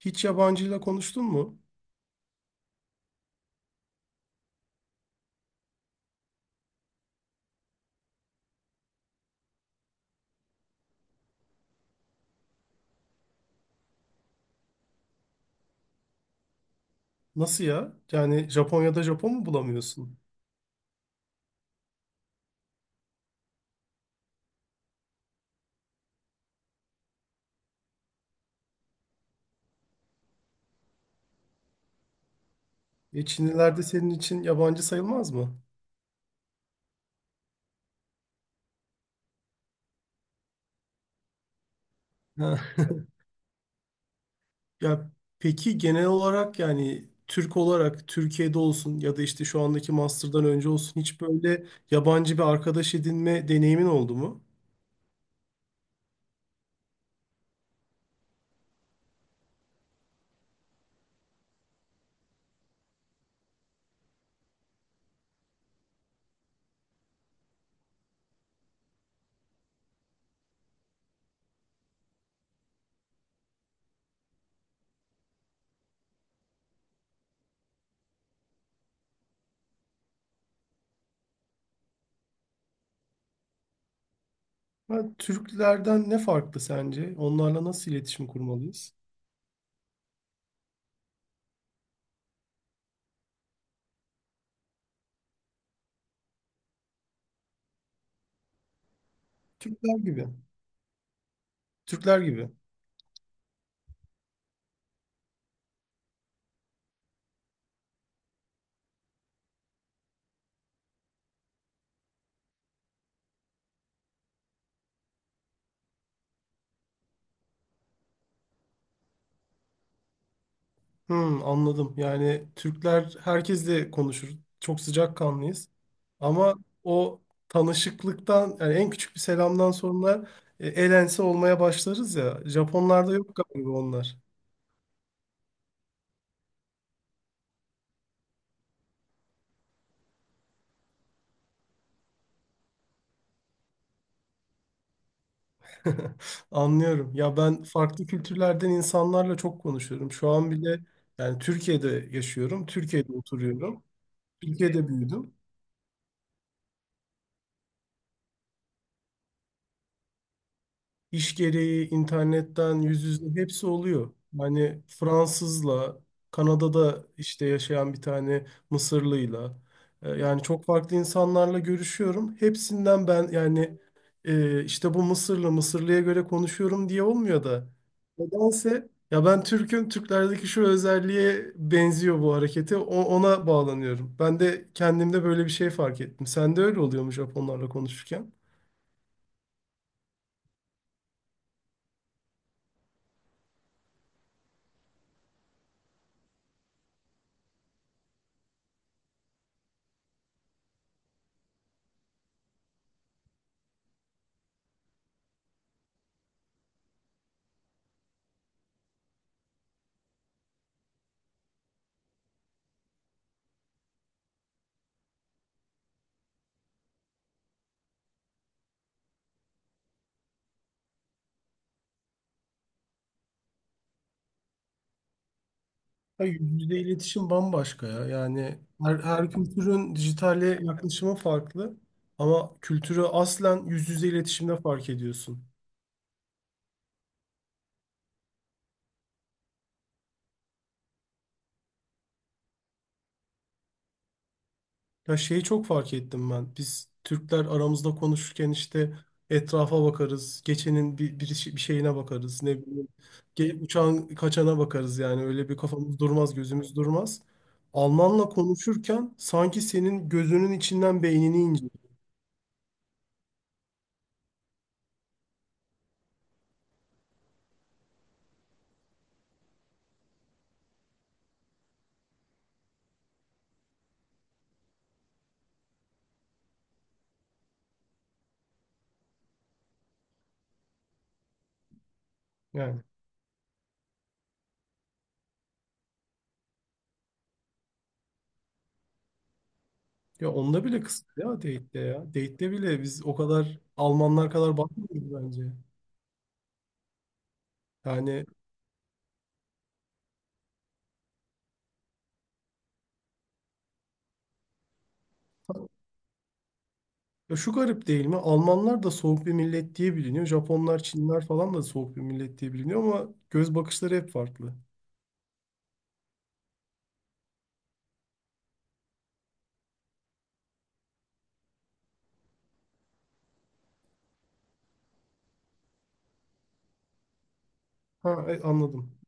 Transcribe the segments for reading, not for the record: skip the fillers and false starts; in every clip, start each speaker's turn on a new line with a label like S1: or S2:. S1: Hiç yabancıyla konuştun mu? Nasıl ya? Yani Japonya'da Japon mu bulamıyorsun? E, Çinliler de senin için yabancı sayılmaz mı? Ha. Ya, peki genel olarak yani Türk olarak Türkiye'de olsun ya da işte şu andaki master'dan önce olsun hiç böyle yabancı bir arkadaş edinme deneyimin oldu mu? Ha, Türklerden ne farklı sence? Onlarla nasıl iletişim kurmalıyız? Türkler gibi. Türkler gibi. Hmm, anladım. Yani Türkler herkesle konuşur. Çok sıcakkanlıyız. Ama o tanışıklıktan yani en küçük bir selamdan sonra el ense olmaya başlarız ya. Japonlarda yok galiba onlar. Anlıyorum. Ya ben farklı kültürlerden insanlarla çok konuşuyorum. Şu an bile yani Türkiye'de yaşıyorum. Türkiye'de oturuyorum. Türkiye'de büyüdüm. İş gereği internetten yüz yüze hepsi oluyor. Yani Fransızla, Kanada'da işte yaşayan bir tane Mısırlıyla yani çok farklı insanlarla görüşüyorum. Hepsinden ben yani işte bu Mısırlı, Mısırlıya göre konuşuyorum diye olmuyor da nedense ya ben Türk'üm, Türklerdeki şu özelliğe benziyor bu hareketi. Ona bağlanıyorum. Ben de kendimde böyle bir şey fark ettim. Sen de öyle oluyormuş Japonlarla konuşurken. Ya, yüzde iletişim bambaşka ya. Yani her kültürün dijitale yaklaşımı farklı. Ama kültürü aslen yüz yüze iletişimde fark ediyorsun. Ya şeyi çok fark ettim ben. Biz Türkler aramızda konuşurken işte etrafa bakarız. Geçenin bir şeyine bakarız. Ne bileyim. Uçağın kaçana bakarız yani. Öyle bir kafamız durmaz, gözümüz durmaz. Almanla konuşurken sanki senin gözünün içinden beynini inceliyor, yani. Ya onda bile kısıtlı ya date'de ya. Date'de bile biz o kadar Almanlar kadar bakmıyoruz bence. Yani ya şu garip değil mi? Almanlar da soğuk bir millet diye biliniyor. Japonlar, Çinler falan da soğuk bir millet diye biliniyor ama göz bakışları hep farklı. Ha, anladım.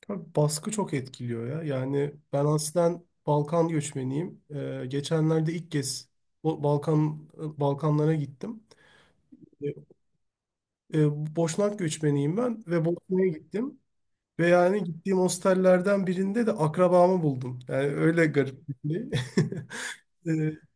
S1: Tabii baskı çok etkiliyor ya. Yani ben aslen Balkan göçmeniyim. Geçenlerde ilk kez Bo- Balkan Balkanlara gittim. E, Boşnak göçmeniyim ben ve Bosna'ya gittim. Ve yani gittiğim hostellerden birinde de akrabamı buldum. Yani öyle garip bir şey.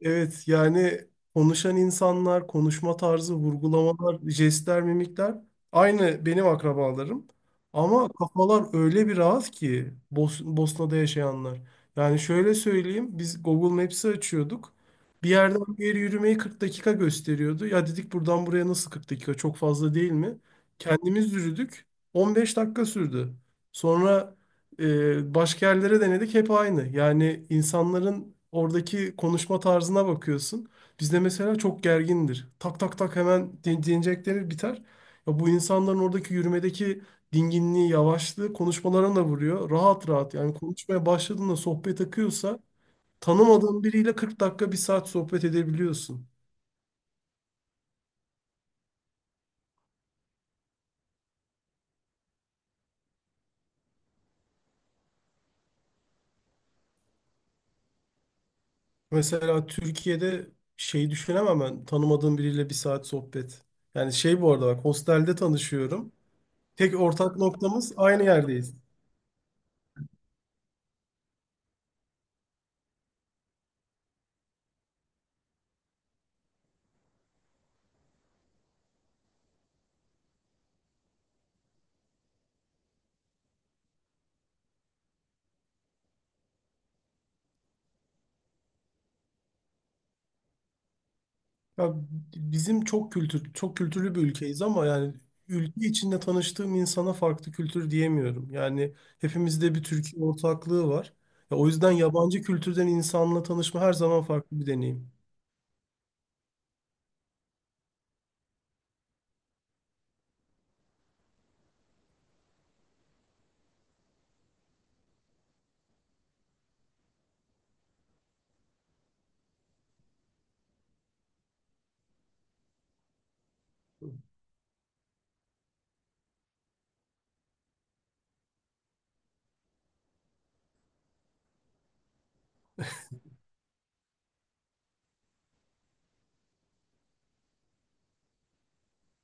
S1: Evet yani konuşan insanlar, konuşma tarzı, vurgulamalar, jestler, mimikler aynı benim akrabalarım. Ama kafalar öyle bir rahat ki Bosna'da yaşayanlar. Yani şöyle söyleyeyim, biz Google Maps'i açıyorduk. Bir yerden bir yere yürümeyi 40 dakika gösteriyordu. Ya dedik, buradan buraya nasıl 40 dakika, çok fazla değil mi? Kendimiz yürüdük, 15 dakika sürdü. Sonra başka yerlere denedik, hep aynı. Yani insanların oradaki konuşma tarzına bakıyorsun. Bizde mesela çok gergindir. Tak tak tak, hemen dinleyecekleri biter. Ya bu insanların oradaki yürümedeki dinginliği, yavaşlığı konuşmalarına da vuruyor. Rahat rahat yani, konuşmaya başladığında sohbet akıyorsa tanımadığın biriyle 40 dakika, bir saat sohbet edebiliyorsun. Mesela Türkiye'de şey düşünemem ben, tanımadığım biriyle bir saat sohbet. Yani şey, bu arada bak, hostelde tanışıyorum. Tek ortak noktamız aynı yerdeyiz. Ya bizim çok kültürlü bir ülkeyiz ama yani ülke içinde tanıştığım insana farklı kültür diyemiyorum. Yani hepimizde bir Türkiye ortaklığı var. Ya o yüzden yabancı kültürden insanla tanışma her zaman farklı bir deneyim.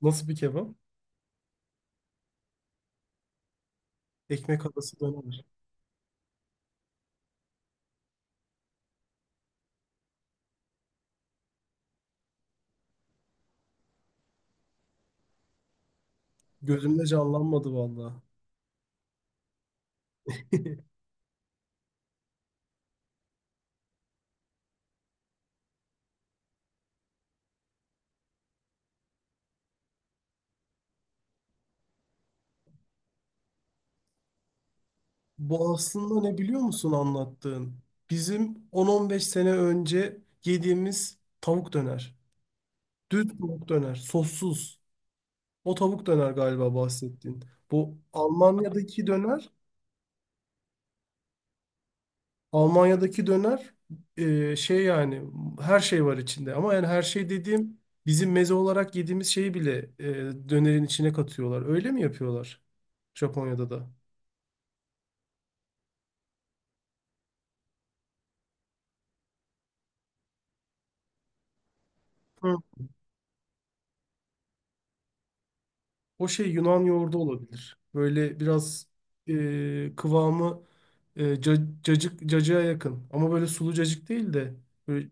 S1: Nasıl bir kebap? Ekmek arası döner. Gözümde canlanmadı vallahi. Bu aslında ne biliyor musun anlattığın? Bizim 10-15 sene önce yediğimiz tavuk döner. Düz tavuk döner, sossuz. O tavuk döner galiba bahsettiğin. Bu Almanya'daki döner, şey yani her şey var içinde. Ama yani her şey dediğim, bizim meze olarak yediğimiz şeyi bile dönerin içine katıyorlar. Öyle mi yapıyorlar Japonya'da da? Hı. O şey Yunan yoğurdu olabilir. Böyle biraz kıvamı cacığa yakın. Ama böyle sulu cacık değil de böyle.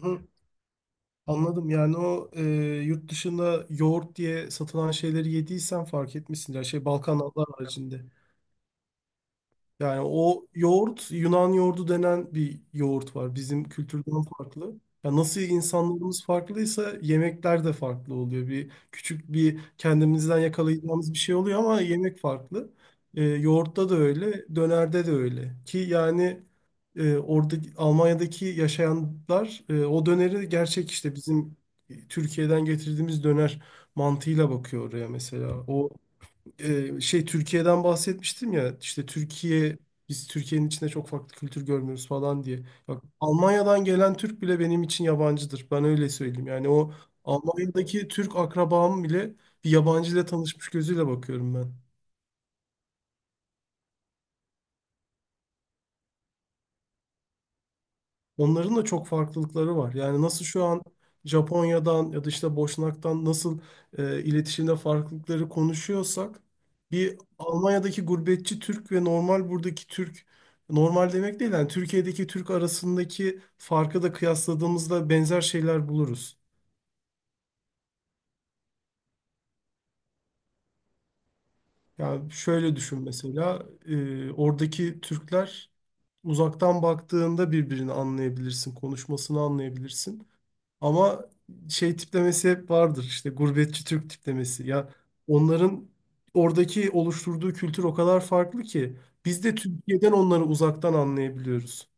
S1: Hı. Anladım. Yani o yurt dışında yoğurt diye satılan şeyleri yediysen fark etmişsin. Yani şey, Balkanlar haricinde. Yani o yoğurt, Yunan yoğurdu denen bir yoğurt var. Bizim kültürden farklı. Ya nasıl insanlarımız farklıysa yemekler de farklı oluyor. Bir küçük bir kendimizden yakalayacağımız bir şey oluyor ama yemek farklı. Yoğurtta da öyle, dönerde de öyle. Ki yani orada Almanya'daki yaşayanlar o döneri gerçek işte bizim Türkiye'den getirdiğimiz döner mantığıyla bakıyor oraya mesela. O şey, Türkiye'den bahsetmiştim ya, işte Türkiye, biz Türkiye'nin içinde çok farklı kültür görmüyoruz falan diye. Bak, Almanya'dan gelen Türk bile benim için yabancıdır. Ben öyle söyleyeyim. Yani o Almanya'daki Türk akrabam bile bir yabancı ile tanışmış gözüyle bakıyorum ben. Onların da çok farklılıkları var. Yani nasıl şu an Japonya'dan ya da işte Boşnak'tan nasıl iletişimde farklılıkları konuşuyorsak, bir Almanya'daki gurbetçi Türk ve normal buradaki Türk, normal demek değil yani Türkiye'deki Türk arasındaki farkı da kıyasladığımızda benzer şeyler buluruz. Yani şöyle düşün mesela, oradaki Türkler, uzaktan baktığında birbirini anlayabilirsin, konuşmasını anlayabilirsin. Ama şey tiplemesi hep vardır, işte gurbetçi Türk tiplemesi. Ya onların oradaki oluşturduğu kültür o kadar farklı ki biz de Türkiye'den onları uzaktan anlayabiliyoruz.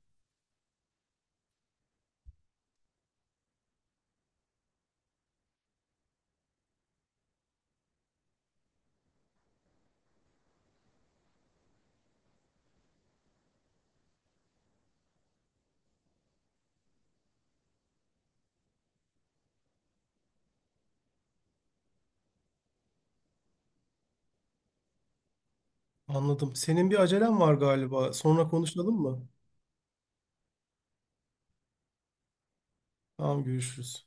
S1: Anladım. Senin bir acelen var galiba. Sonra konuşalım mı? Tamam, görüşürüz.